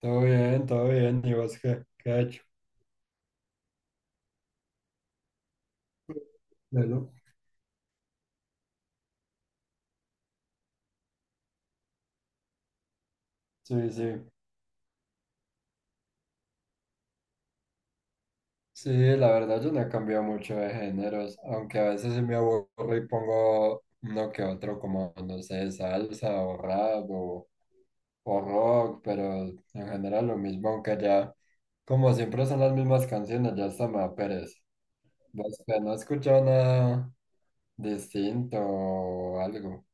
Todo bien, todo bien. ¿Y vos qué ha hecho? Bueno. Sí, sí. Sí, la verdad yo no he cambiado mucho de géneros, aunque a veces sí me aburro y pongo uno que otro como, no sé, salsa o rap o rock, pero en general lo mismo, aunque ya, como siempre son las mismas canciones, ya hasta me da pereza. ¿Vos que no has escuchado nada distinto o algo?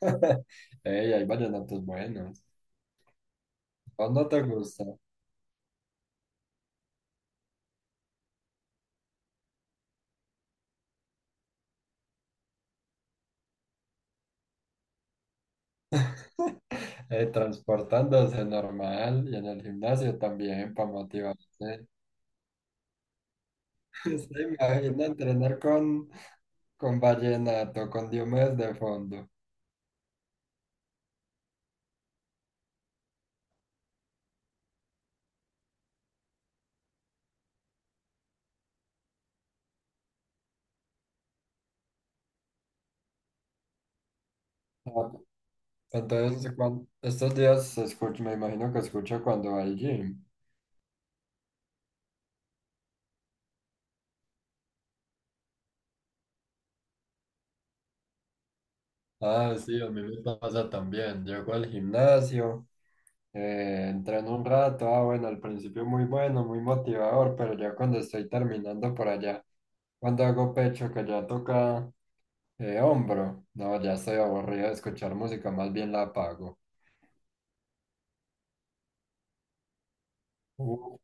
Ey, hay vallenatos buenos. ¿O no te gusta? Transportándose normal y en el gimnasio también para motivarse. Se imagina entrenar con, con vallenato con Diomedes de fondo. Ah, entonces, estos días se escucha, me imagino que escucho cuando va al gym. Ah, sí, a mí me pasa también. Llego al gimnasio, entreno un rato. Ah, bueno, al principio muy bueno, muy motivador, pero ya cuando estoy terminando por allá, cuando hago pecho, que ya toca. Hombro, no, ya estoy aburrido de escuchar música, más bien la apago. Uh,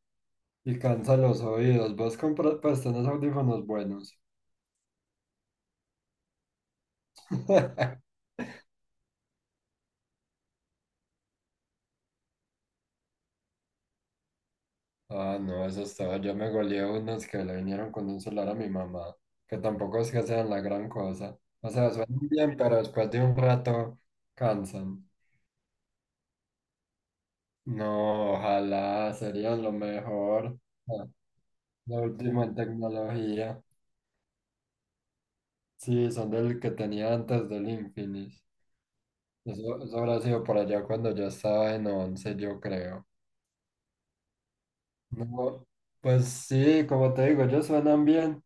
y cansa los oídos. Vos compras, pues tenés audífonos buenos. Ah, no, eso es todo, yo me goleé unos que le vinieron con un celular a mi mamá, que tampoco es que sean la gran cosa. O sea, suenan bien, pero después de un rato cansan. No, ojalá, serían lo mejor. Ah, lo último en tecnología. Sí, son del que tenía antes del Infinix. Eso habrá sido por allá cuando yo estaba en once, yo creo. No, pues sí, como te digo, ellos suenan bien,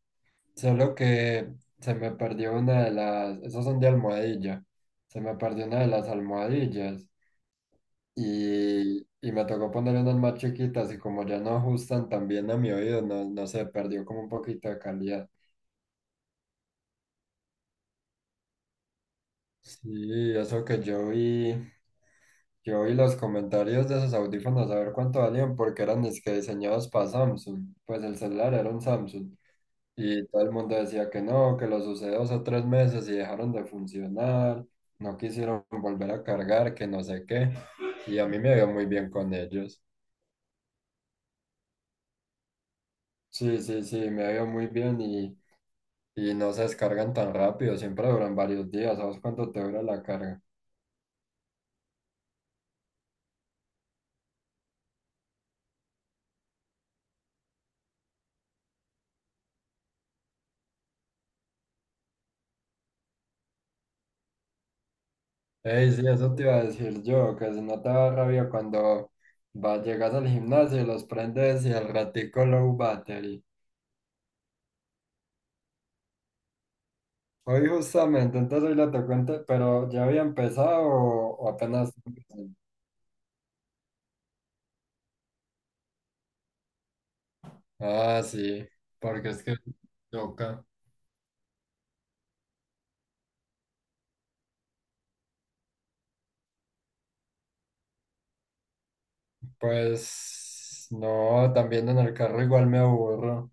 solo que se me perdió una de las, esos son de almohadilla, se me perdió una de las almohadillas y me tocó poner unas más chiquitas y como ya no ajustan tan bien a mi oído, no, no sé, perdió como un poquito de calidad. Sí, eso que yo vi. Yo vi los comentarios de esos audífonos a ver cuánto valían porque eran es que diseñados para Samsung. Pues el celular era un Samsung. Y todo el mundo decía que no, que los usé 2 o 3 meses y dejaron de funcionar, no quisieron volver a cargar, que no sé qué. Y a mí me vio muy bien con ellos. Sí, sí, sí, me vio muy bien y no se descargan tan rápido, siempre duran varios días. ¿Sabes cuánto te dura la carga? Ey, sí, eso te iba a decir yo, que si no te da rabia cuando llegas al gimnasio, los prendes y al ratico low battery. Hoy justamente, entonces hoy la tocó, pero ¿ya había empezado o apenas? Ah, sí, porque es que toca. Pues no, también en el carro igual me aburro.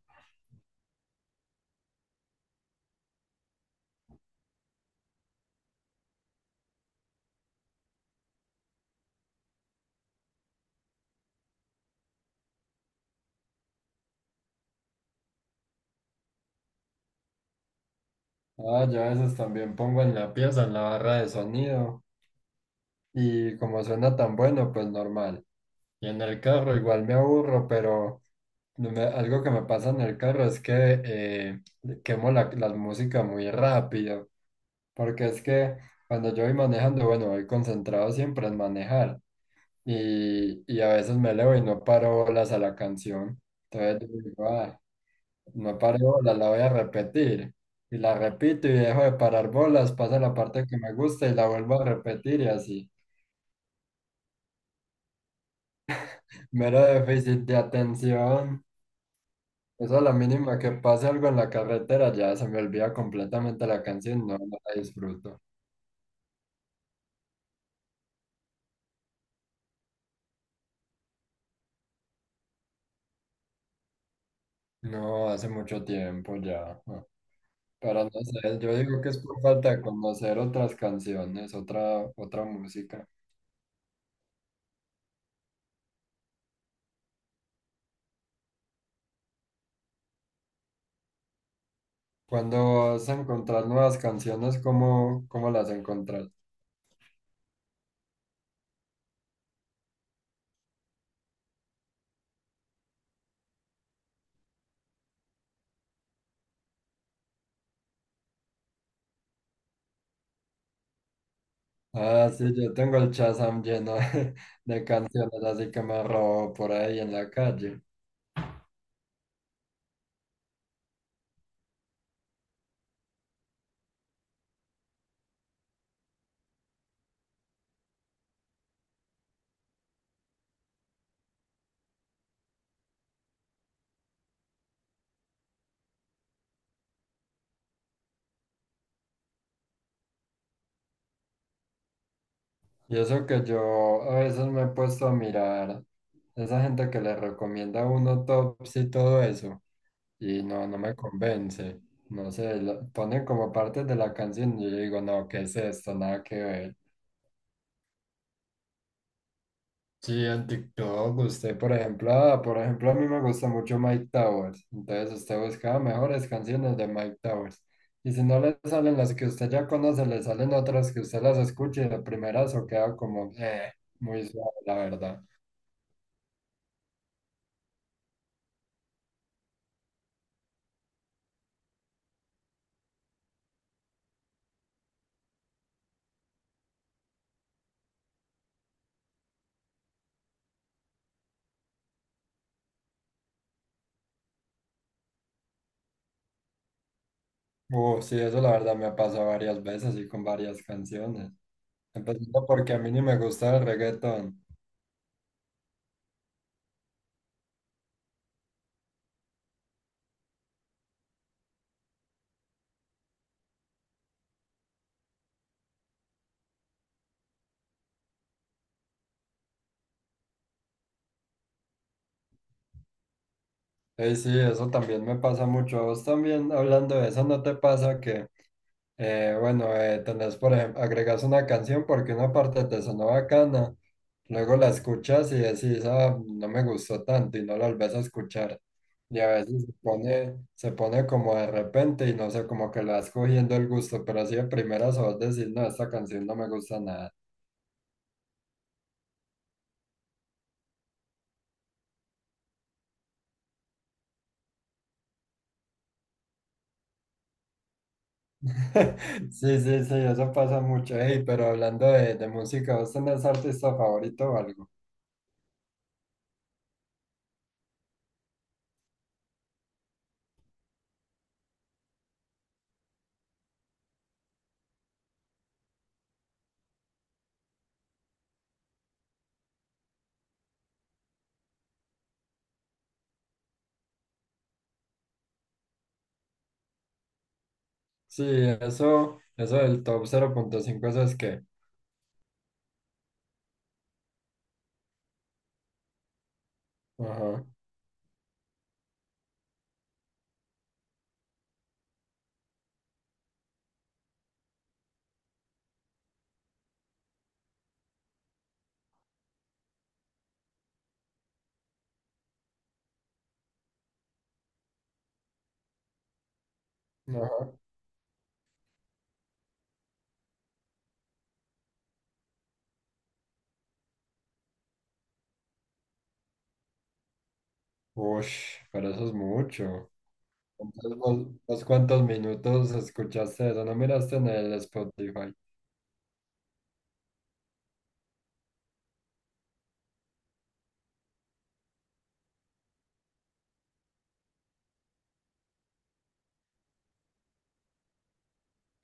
Ah, yo a veces también pongo en la pieza, en la barra de sonido, y como suena tan bueno, pues normal. Y en el carro igual me aburro, pero… No me- Algo que me pasa en el carro es que quemo la música muy rápido, porque es que cuando yo voy manejando, bueno, voy concentrado siempre en manejar y a veces me elevo y no paro bolas a la canción. Entonces yo digo, no paro bolas, la voy a repetir. Y la repito y dejo de parar bolas, pasa la parte que me gusta y la vuelvo a repetir y así. Mero déficit de atención. Eso a la mínima que pase algo en la carretera ya se me olvida completamente la canción, no, no la disfruto. No, hace mucho tiempo ya. Ah. Pero no sé, yo digo que es por falta de conocer otras canciones, otra música. Cuando vas a encontrar nuevas canciones, ¿cómo las encontras? Ah, sí, yo tengo el Shazam lleno de canciones así que me robo por ahí en la calle. Y eso que yo a veces me he puesto a mirar esa gente que le recomienda a uno tops y todo eso, y no, no me convence. No sé, ponen como partes de la canción y yo digo, no, ¿qué es esto? Nada que ver. Sí, en TikTok, usted, por ejemplo, a mí me gusta mucho Mike Towers. Entonces usted busca mejores canciones de Mike Towers. Y si no le salen las que usted ya conoce, le salen otras que usted las escuche y de primeras o queda como, muy suave, la verdad. Sí, eso la verdad me ha pasado varias veces y con varias canciones. Empezando porque a mí ni me gusta el reggaetón. Y sí, eso también me pasa mucho. A vos también, hablando de eso, ¿no te pasa que, bueno, tenés, por ejemplo, agregas una canción porque una parte te sonó bacana, luego la escuchas y decís, ah, no me gustó tanto y no la volvés a escuchar. Y a veces se pone como de repente y no sé, como que le vas cogiendo el gusto, pero así de primeras a vos decís, no, esta canción no me gusta nada. Sí, sí, sí, eso pasa mucho. Ey, pero hablando de música, ¿vos tenés artista favorito o algo? Sí, eso del top 0.5, eso es que… Ajá, ajá. Ush, pero eso es mucho. Entonces, ¿vos cuántos minutos escuchaste eso? ¿No miraste en el Spotify?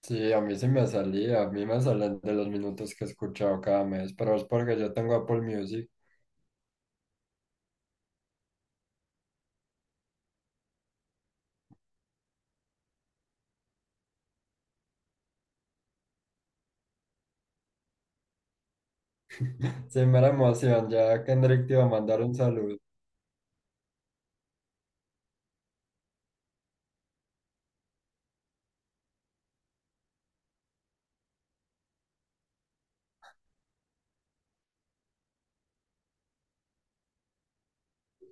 Sí, a mí sí me salía, a mí me salen de los minutos que he escuchado cada mes, pero es porque yo tengo Apple Music. Sí, mera emoción, ya Kendrick te iba a mandar un saludo.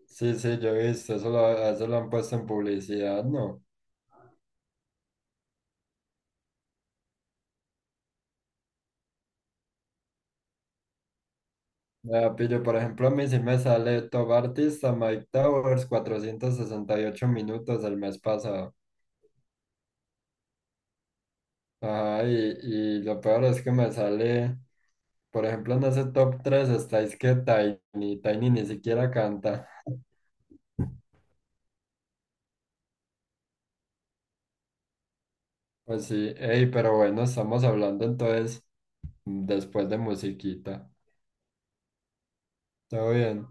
Sí, sí, yo he visto, a eso lo han puesto en publicidad, ¿no? Ah, pillo, por ejemplo, a mí sí me sale Top Artista Mike Towers 468 minutos el mes pasado. Ajá, y lo peor es que me sale, por ejemplo, en ese top 3 estáis que Tiny ni siquiera canta. Pues sí, ey, pero bueno, estamos hablando entonces después de musiquita. ¿Todo bien?